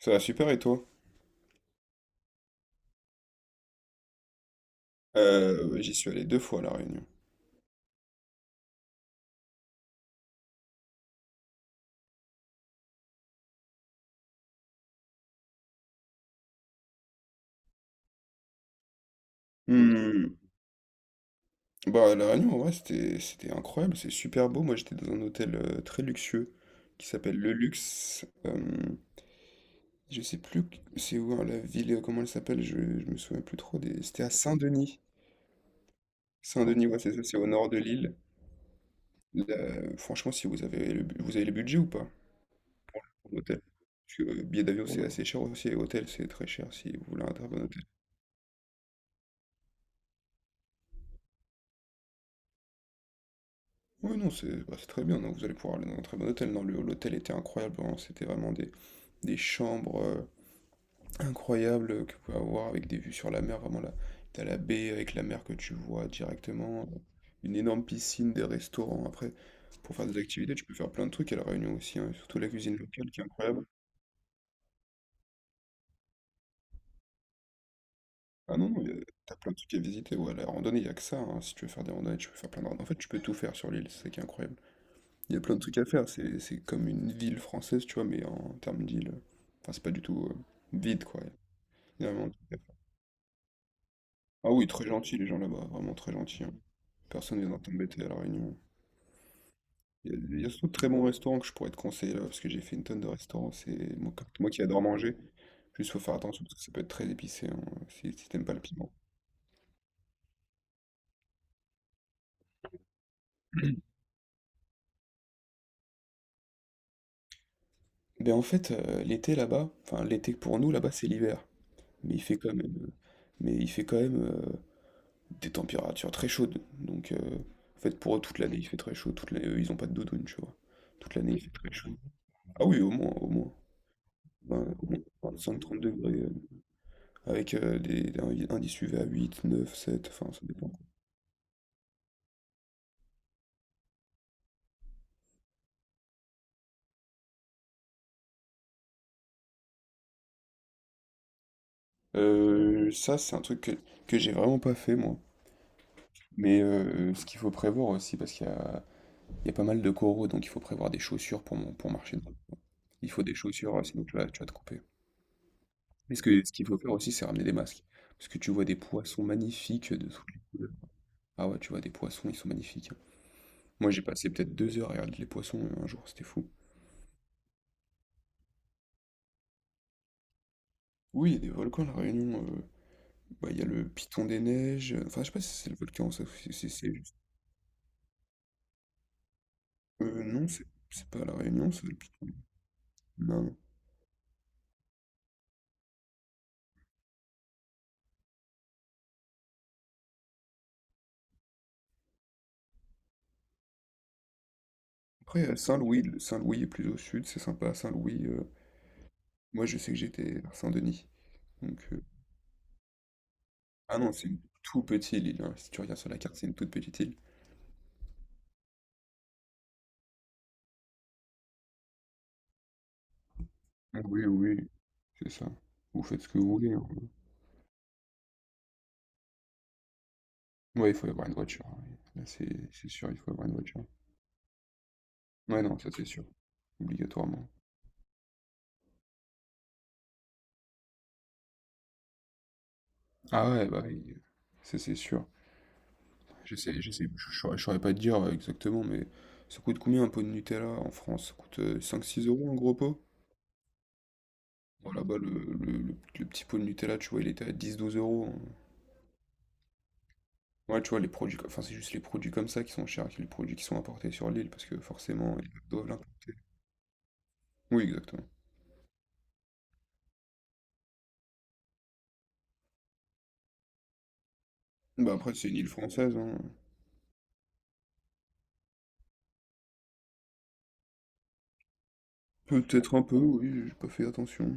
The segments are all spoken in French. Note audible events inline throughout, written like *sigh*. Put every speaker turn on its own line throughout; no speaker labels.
Ça va super et toi? Ouais, j'y suis allé deux fois à La Réunion. Hmm, Bah, La Réunion, en vrai, c'était incroyable, c'est super beau. Moi, j'étais dans un hôtel très luxueux qui s'appelle Le Luxe. Je sais plus c'est où hein, la ville, comment elle s'appelle, je me souviens plus trop. C'était à Saint-Denis. Saint-Denis, ouais, c'est ça, c'est au nord de l'île. Là, franchement, si vous avez le budget ou pas pour l'hôtel? Parce que billet d'avion, c'est assez cher aussi, et hôtel, c'est très cher si vous voulez un très bon hôtel. Oui, non, c'est très bien. Donc vous allez pouvoir aller dans un très bon hôtel. Non, l'hôtel était incroyable. Vraiment, c'était vraiment des chambres incroyables que vous pouvez avoir avec des vues sur la mer. Vraiment, là, t'as la baie avec la mer que tu vois directement. Une énorme piscine, des restaurants. Après, pour faire des activités, tu peux faire plein de trucs à La Réunion aussi, hein, et surtout la cuisine locale qui est incroyable. Ah non, non, t'as plein de trucs à visiter. Ouais, la randonnée, il n'y a que ça, hein. Si tu veux faire des randonnées, tu peux faire plein de randonnées. En fait, tu peux tout faire sur l'île. C'est ça qui est incroyable. Il y a plein de trucs à faire, c'est comme une ville française, tu vois, mais en termes d'île. Enfin, c'est pas du tout vide, quoi. Il y a vraiment des trucs à faire. Ah oui, très gentils les gens là-bas, vraiment très gentils, hein. Personne ne vient t'embêter à La Réunion. Il y a surtout de très bons restaurants que je pourrais te conseiller là, parce que j'ai fait une tonne de restaurants. Moi qui adore manger, juste faut faire attention parce que ça peut être très épicé, hein, si t'aimes pas le piment. Ben en fait, l'été là-bas, enfin l'été pour nous là-bas c'est l'hiver, mais il fait quand même, euh, mais il fait quand même des températures très chaudes. Donc, en fait, pour eux, toute l'année, il fait très chaud. Toute l'année, eux, ils ont pas de doudoune, tu vois. Toute l'année, il fait très chaud. Ah oui, au moins, au moins. Au moins 25, 30 degrés, avec des indices UV à 8, 9, 7, enfin, ça dépend. Ça, c'est un truc que j'ai vraiment pas fait, moi. Mais ce qu'il faut prévoir aussi, parce qu'il y a pas mal de coraux, donc il faut prévoir des chaussures pour marcher dedans. Il faut des chaussures, sinon tu vas te couper. Mais ce qu'il faut faire aussi, c'est ramener des masques. Parce que tu vois des poissons magnifiques de toutes les couleurs. Ah ouais, tu vois, des poissons, ils sont magnifiques, hein. Moi, j'ai passé peut-être 2 heures à regarder les poissons un jour, c'était fou. Oui, il y a des volcans à La Réunion. Bah, il y a le Piton des Neiges. Enfin, je sais pas si c'est le volcan, ça. Non, c'est pas à La Réunion, c'est le Piton. Non. Après, il Saint-Louis. Saint-Louis est plus au sud, c'est sympa. Saint-Louis, moi, je sais que j'étais à Saint-Denis. Donc, ah non, c'est une toute petite île, hein. Si tu regardes sur la carte, c'est une toute petite île. Oui, oui, c'est ça. Vous faites ce que vous voulez, hein. Ouais, il faut avoir une voiture, hein. Là, c'est sûr, il faut avoir une voiture. Ouais, non, ça c'est sûr. Obligatoirement. Ah ouais, bah oui, ça c'est sûr. Je sais, je sais, je saurais pas te dire exactement, mais ça coûte combien un pot de Nutella en France? Ça coûte 5-6 euros un gros pot? Bon, là-bas, le petit pot de Nutella, tu vois, il était à 10-12 euros, hein. Ouais, tu vois, les produits, enfin, c'est juste les produits comme ça qui sont chers, que les produits qui sont importés sur l'île, parce que forcément, ils doivent l'importer. Oui, exactement. Bah après, c'est une île française, hein. Peut-être un peu, oui, j'ai pas fait attention.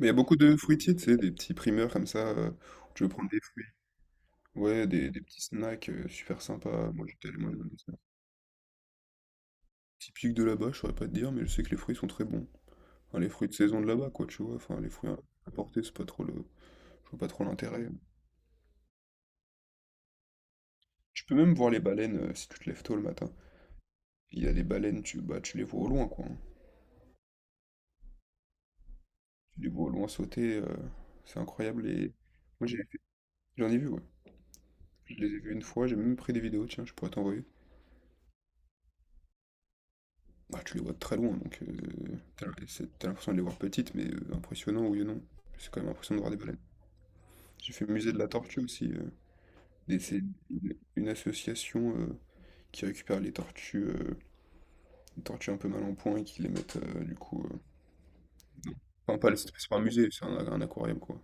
Mais il y a beaucoup de fruitiers, tu sais, des petits primeurs comme ça, où tu veux prendre des. Ouais, des petits snacks super sympas. Moi, j'étais allé manger dans des snacks typiques de là-bas, je saurais pas te dire, mais je sais que les fruits sont très bons. Enfin, les fruits de saison de là-bas, quoi, tu vois. Enfin, les fruits importés, c'est pas trop le. Je vois pas trop l'intérêt. Tu peux même voir les baleines si tu te lèves tôt le matin. Il y a des baleines, tu les vois au loin, quoi, hein. Tu les vois au loin sauter, c'est incroyable. Et. Moi, j'en ai vu, ouais. Je les ai vus une fois, j'ai même pris des vidéos, tiens, je pourrais t'envoyer. Bah, tu les vois de très loin, donc t'as l'impression de les voir petites, mais impressionnant, oui ou non. C'est quand même impressionnant de voir des baleines. J'ai fait musée de la tortue aussi. Et c'est une association qui récupère les tortues un peu mal en point et qui les mettent du coup. Enfin, pas, les- c'est pas un musée, c'est un aquarium quoi.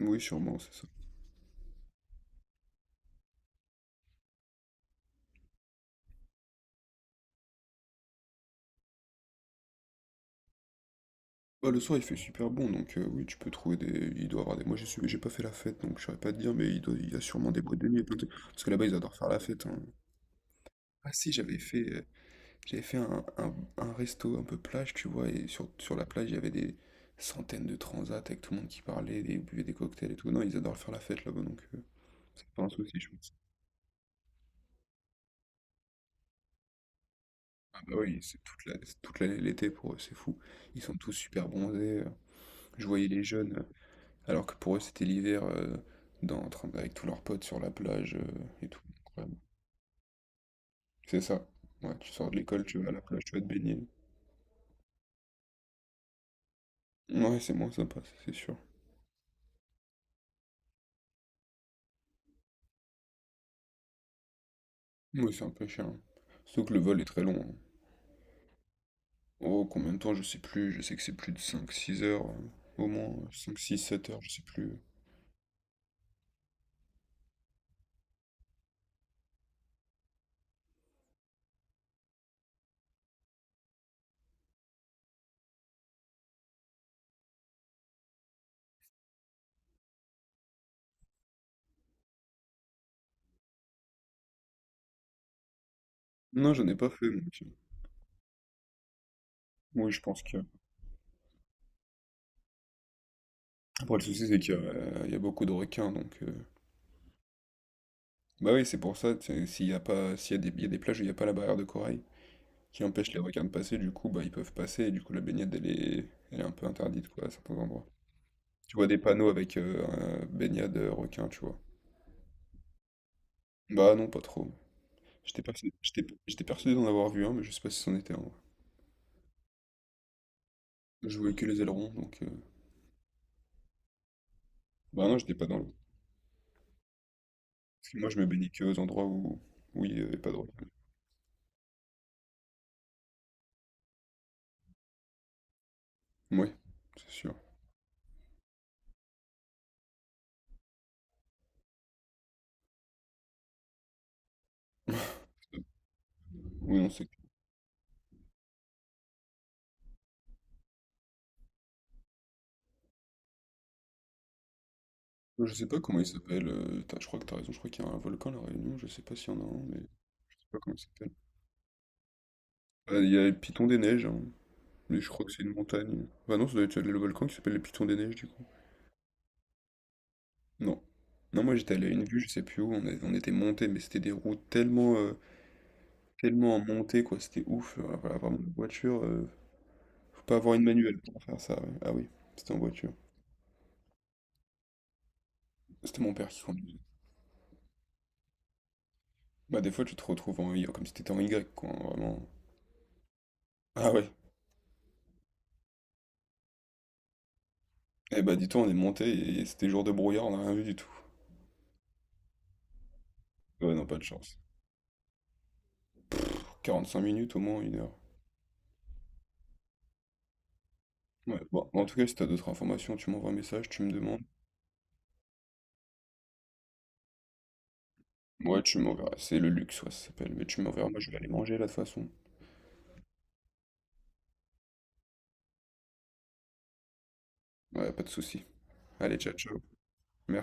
Oui, sûrement, c'est ça. Bah, le soir il fait super bon donc oui, tu peux trouver des. Il doit y avoir des. Moi j'ai pas fait la fête donc je saurais pas te dire, mais il doit. Il y a sûrement des boîtes de nuit. Parce que là-bas ils adorent faire la fête, hein. Ah si, j'avais fait. J'avais fait un resto un peu plage, tu vois, et sur la plage, il y avait des centaines de transats avec tout le monde qui parlait, des buvait des cocktails et tout. Non, ils adorent faire la fête là-bas, donc c'est pas un souci, je pense. Ah bah oui, c'est toute l'année l'été pour eux, c'est fou. Ils sont tous super bronzés. Je voyais les jeunes, alors que pour eux, c'était l'hiver, avec tous leurs potes sur la plage et tout. Incroyable. C'est ça. Ouais, tu sors de l'école, tu vas à la plage, tu vas te baigner. Ouais, c'est moins sympa, ça, c'est sûr. Oui, c'est un peu cher, hein. Surtout que le vol est très long, hein. Oh, combien de temps, je sais plus, je sais que c'est plus de 5-6 heures, au moins 5-6-7 heures, je sais plus. Non, j'en ai pas fait, donc. Oui, je pense que. Après, le souci, c'est il y a beaucoup de requins, donc. Bah oui, c'est pour ça, tu sais, s'il y a pas, s'il y a des, il y a des plages où il n'y a pas la barrière de corail qui empêche les requins de passer, du coup, bah ils peuvent passer, et du coup, la baignade, elle est un peu interdite, quoi, à certains endroits. Tu vois des panneaux avec un baignade requin, tu vois. Bah non, pas trop. J'étais persuadé, j'étais persuadé d'en avoir vu un, mais je sais pas si c'en était un, ouais. Je voulais que les ailerons, donc. Bah non, j'étais pas dans l'eau. Parce que moi, je me baignais que aux endroits où il n'y avait pas de requins. Ouais, c'est sûr. *laughs* Oui, on sait. Je sais pas comment il s'appelle. Je crois que t'as raison. Je crois qu'il y a un volcan à La Réunion. Je sais pas s'il y en a un, mais je sais pas comment il s'appelle. Ah, il y a le Piton des Neiges, hein, mais je crois que c'est une montagne. Bah non, ça doit être le volcan qui s'appelle le Piton des Neiges, du coup. Non. Non, moi j'étais allé à une vue, je sais plus où. On était monté, mais c'était des routes tellement, tellement en montée, quoi. C'était ouf. Voilà, vraiment, la voiture. Faut pas avoir une manuelle pour faire ça, ouais. Ah oui, c'était en voiture. C'était mon père qui conduisait. Bah des fois tu te retrouves en Y, comme si t'étais en Y quoi, hein, vraiment. Ah ouais. Eh bah dis-toi, on est monté et c'était jour de brouillard, on a rien vu du tout. Ouais, non, pas de chance. 45 minutes au moins, une heure. Ouais, bon, en tout cas, si t'as d'autres informations, tu m'envoies un message, tu me demandes. Ouais, tu m'enverras, c'est le luxe, ouais, ça s'appelle, mais tu m'enverras, moi je vais aller manger là de toute façon. Ouais, pas de souci. Allez, ciao, ciao. Merci.